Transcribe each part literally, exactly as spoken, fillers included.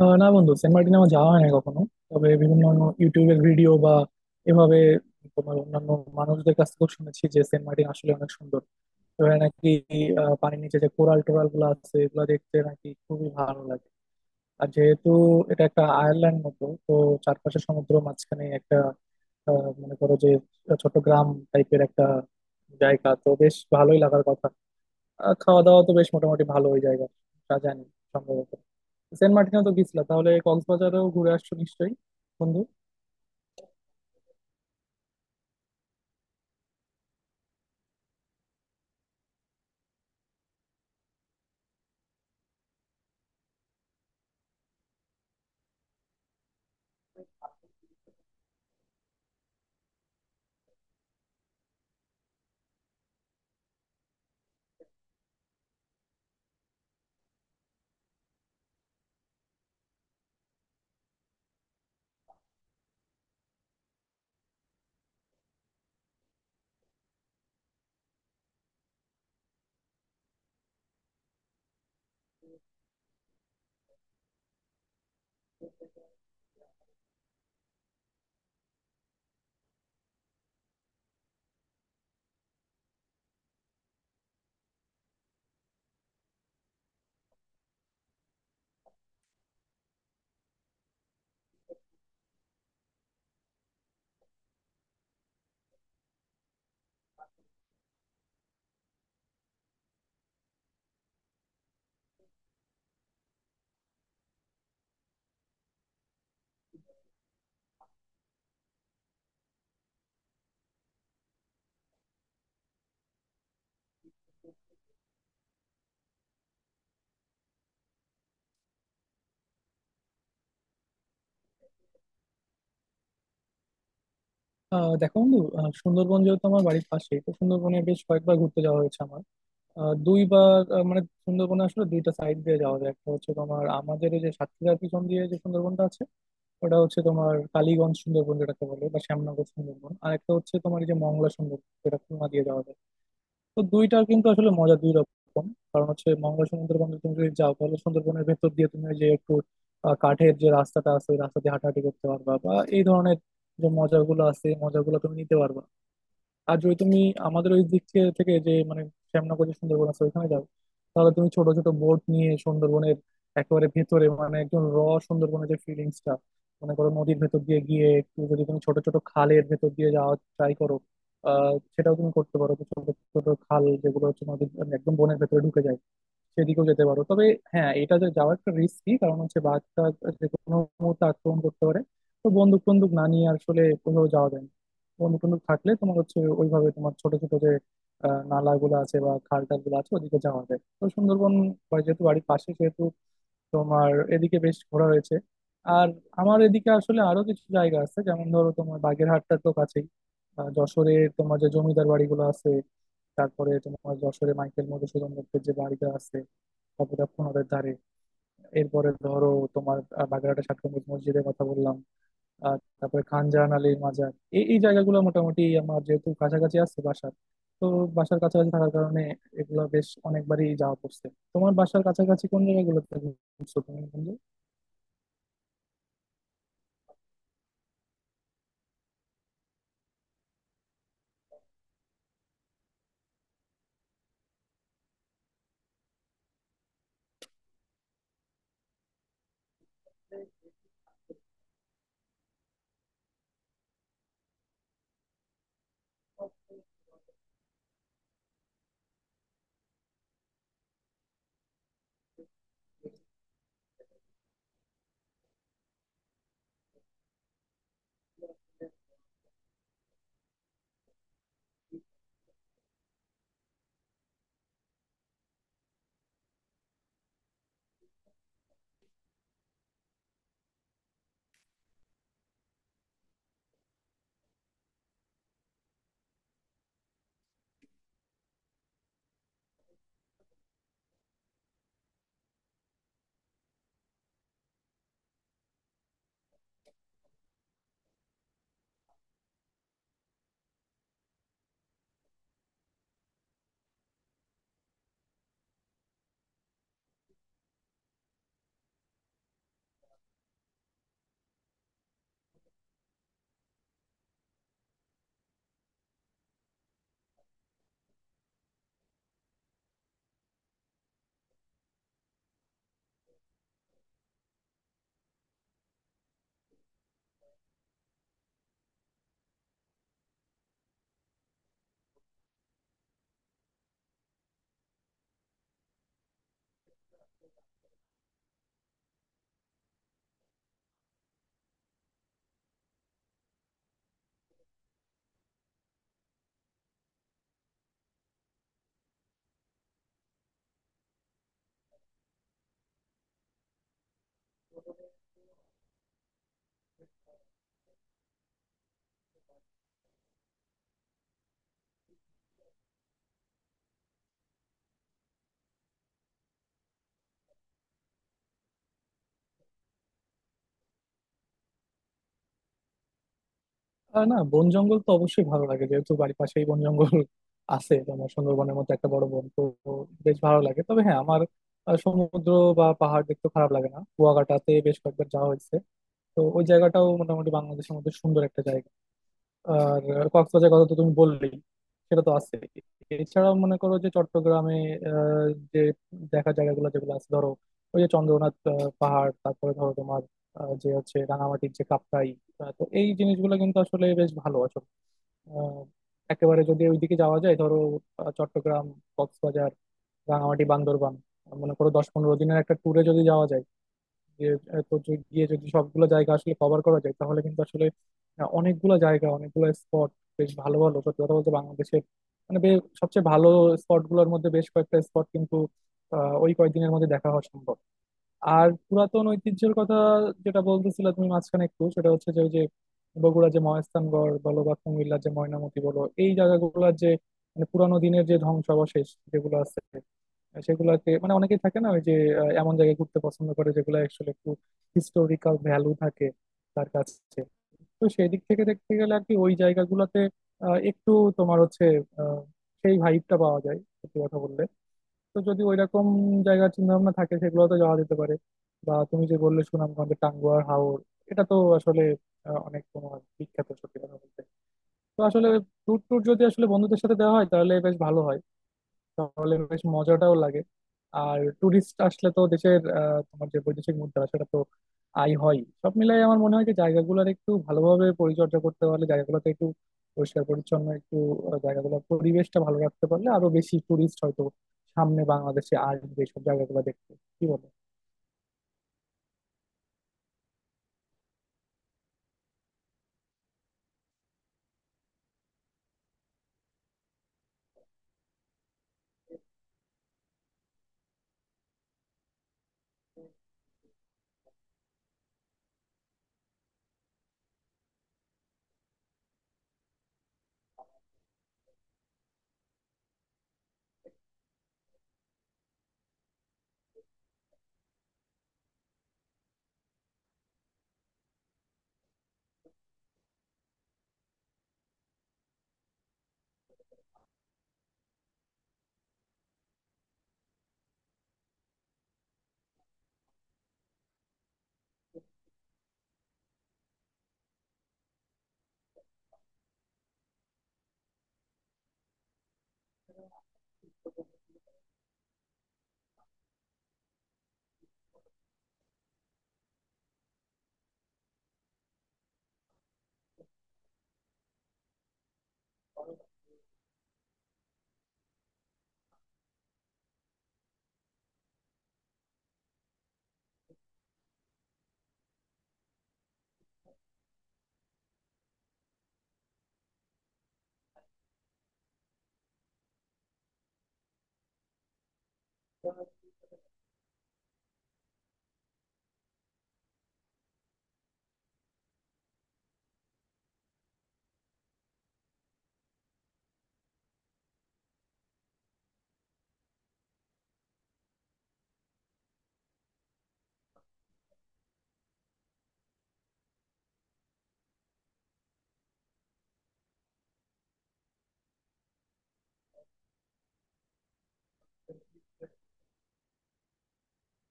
আহ না বন্ধু, Saint Martin আমার যাওয়া হয় না কখনো। তবে বিভিন্ন ইউটিউবের ভিডিও বা এভাবে তোমার অন্যান্য মানুষদের কাছ থেকেও শুনেছি যে সেন্ট মার্টিন আসলে অনেক সুন্দর। ওখানে নাকি আহ, পানির নিচে যে কোরাল টোরাল গুলো আছে এগুলো দেখতে নাকি খুবই ভালো লাগে। আর যেহেতু এটা একটা আয়ারল্যান্ড মতো, তো চারপাশে সমুদ্র, মাঝখানে একটা, আহ, মনে করো যে ছোট গ্রাম টাইপের একটা জায়গা, তো বেশ ভালোই লাগার কথা। আর খাওয়া দাওয়া তো বেশ মোটামুটি ভালো ওই জায়গা, তা জানি সম্ভবত। সেন্ট মার্টিনেও তো গেছিলা, তাহলে কক্সবাজারেও ঘুরে আসছো নিশ্চয়ই বন্ধু। আহ দেখো বন্ধু, আহ, সুন্দরবন যেহেতু আমার বাড়ির পাশে, তো সুন্দরবনে বেশ কয়েকবার ঘুরতে যাওয়া হয়েছে আমার। আহ, দুইবার, আহ, মানে সুন্দরবনে আসলে দুইটা সাইড দিয়ে যাওয়া যায়। একটা হচ্ছে তোমার আমাদের এই যে সাতক্ষীরার পিছন দিয়ে যে সুন্দরবনটা আছে, ওটা হচ্ছে তোমার কালীগঞ্জ সুন্দরবন যেটাকে বলে, বা শ্যামনগর সুন্দরবন। আর একটা হচ্ছে তোমার এই যে মংলা সুন্দরবন, যেটা খুলনা দিয়ে যাওয়া যায়। তো দুইটা কিন্তু আসলে মজা দুই রকম। কারণ হচ্ছে, মঙ্গল সুন্দরবনে তুমি যদি যাও তাহলে সুন্দরবনের ভেতর দিয়ে তুমি ওই যে একটু আহ, কাঠের যে রাস্তাটা আছে ওই রাস্তা দিয়ে হাঁটাহাঁটি করতে পারবা, বা এই ধরনের যে মজাগুলো আছে এই মজাগুলো তুমি নিতে পারবা। আর যদি তুমি আমাদের ওই দিক থে- থেকে, যে মানে শ্যামনগর যে সুন্দরবন আছে ওইখানে যাও, তাহলে তুমি ছোট ছোট বোট নিয়ে সুন্দরবনের একেবারে ভেতরে, মানে একদম র সুন্দরবনের যে ফিলিংসটা, মনে করো নদীর ভেতর দিয়ে গিয়ে একটু যদি তুমি ছোট ছোট খালের ভেতর দিয়ে যাওয়া ট্রাই করো, আহ সেটাও তুমি করতে পারো। তো ছোট ছোট খাল যেগুলো হচ্ছে নদীর একদম বনের ভেতরে ঢুকে যায়, সেদিকেও যেতে পারো। তবে হ্যাঁ, এটা যে যাওয়া একটা রিস্কি, কারণ হচ্ছে বাঘটা যে কোনো মুহূর্তে আক্রমণ করতে পারে। তো বন্দুক টন্দুক না নিয়ে আসলে কোথাও যাওয়া যায় না। বন্দুক টন্দুক থাকলে তোমার হচ্ছে ওইভাবে তোমার ছোট ছোট যে আহ, নালাগুলো আছে বা খাল টাল গুলো আছে, ওদিকে যাওয়া যায়। তো সুন্দরবন, বা যেহেতু বাড়ির পাশে সেহেতু তোমার এদিকে বেশ ঘোরা হয়েছে। আর আমার এদিকে আসলে আরো কিছু জায়গা আছে, যেমন ধরো তোমার বাগেরহাটটা তো কাছেই। আহ, যশোরে তোমার যে জমিদার বাড়িগুলো আছে, তারপরে তোমার যশোরে মাইকেল মধুসূদন দত্তের যে বাড়িটা আছে, তারপরে ধারে, এরপরে ধরো তোমার আহ, বাগেরহাটে ষাট গম্বুজ মসজিদের কথা বললাম, আর তারপরে খান জাহান আলীর মাজার। এই এই জায়গাগুলো মোটামুটি আমার যেহেতু কাছাকাছি আছে বাসার, তো বাসার কাছাকাছি থাকার কারণে এগুলো বেশ অনেকবারই যাওয়া পড়ছে। তোমার বাসার কাছাকাছি কোন জায়গাগুলোতে ঘুরছো তুমি বন্ধু? আহ না, বন জঙ্গল তো অবশ্যই ভালো লাগে, যেহেতু বাড়ির পাশেই বন জঙ্গল আছে। তোমার সুন্দরবনের মতো একটা বড় বন তো বেশ ভালো লাগে। তবে হ্যাঁ, আমার আহ, সমুদ্র বা পাহাড় দেখতে খারাপ লাগে না। কুয়াকাটাতে বেশ কয়েকবার যাওয়া হয়েছে, তো ওই জায়গাটাও মোটামুটি বাংলাদেশের মধ্যে সুন্দর একটা জায়গা। আর কক্সবাজারের কথা তো তুমি বললেই, সেটা তো আছে। এছাড়াও মনে করো যে চট্টগ্রামে আহ, যে দেখা জায়গাগুলো যেগুলো আছে, ধরো ওই যে চন্দ্রনাথ আহ, পাহাড়, তারপরে ধরো তোমার আহ, যে হচ্ছে রাঙামাটির যে কাপ্তাই, আহ, তো এই জিনিসগুলো কিন্তু আসলে বেশ ভালো আসলে। আহ, একেবারে যদি ওইদিকে যাওয়া যায়, ধরো আহ, চট্টগ্রাম, কক্সবাজার, রাঙামাটি, বান্দরবান, আহ, মনে করো দশ পনেরো দিনের একটা ট্যুরে যদি যাওয়া যায়, যে এত যে- গিয়ে যদি সবগুলো জায়গা আসলে কভার করা যায়, তাহলে কিন্তু আসলে আহ, অনেকগুলো জায়গা, অনেকগুলো স্পট, বেশ ভালো ভালো, সত্যি কথা বলতে বাংলাদেশের মানে বে- সবচেয়ে ভালো স্পট গুলোর মধ্যে বেশ কয়েকটা স্পট কিন্তু আহ, ওই কয়েকদিনের মধ্যে দেখা হওয়া সম্ভব। আর পুরাতন ঐতিহ্যের কথা যেটা বলতেছিলে তুমি মাঝখানে একটু, সেটা হচ্ছে যে ওই যে বগুড়া যে মহাস্থানগড় বলো বা কুমিল্লার যে ময়নামতি বলো, এই জায়গাগুলোর যে মানে পুরানো দিনের যে ধ্বংসাবশেষ যেগুলো আছে সেগুলাকে, মানে অনেকেই থাকে না, ওই যে আহ, এমন জায়গায় ঘুরতে পছন্দ করে যেগুলো অ্যাকচুয়ালি একটু হিস্টোরিক্যাল ভ্যালু থাকে তার কাছে। তো সেই দিক থেকে দেখতে গেলে আর কি, ওই জায়গাগুলোতে আহ, একটু তোমার হচ্ছে আহ, সেই ভাইবটা পাওয়া যায় সত্যি কথা বললে। তো যদি ওইরকম জায়গার চিন্তা ভাবনা থাকে সেগুলোতে যাওয়া যেতে পারে। বা তুমি যে বললে সুনামগঞ্জের টাঙ্গুয়ার হাওর, এটা তো আসলে আহ, অনেক তোমার বিখ্যাত সত্যি কথা বলতে। তো আসলে ট্যুর ট্যুর যদি আসলে বন্ধুদের সাথে দেওয়া হয় তাহলে বেশ ভালো হয়, তাহলে বেশ মজাটাও লাগে। আর ট্যুরিস্ট আসলে তো দেশের আহ, তোমার যে বৈদেশিক মুদ্রা সেটা তো আয় হয়। সব মিলাই আমার মনে হয় যে জায়গাগুলোর একটু ভালোভাবে পরিচর্যা করতে পারলে, জায়গাগুলোতে একটু পরিষ্কার পরিচ্ছন্ন একটু আহ, জায়গাগুলোর পরিবেশটা ভালো রাখতে পারলে, আরো বেশি ট্যুরিস্ট হয়তো সামনে বাংলাদেশে আসবে সব জায়গাগুলো দেখতে, কি বলো?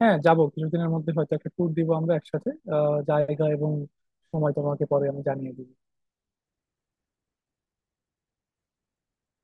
হ্যাঁ যাবো, কিছুদিনের মধ্যে হয়তো একটা ট্যুর দিব আমরা একসাথে। আহ জায়গা এবং সময় তোমাকে পরে আমি জানিয়ে দিব।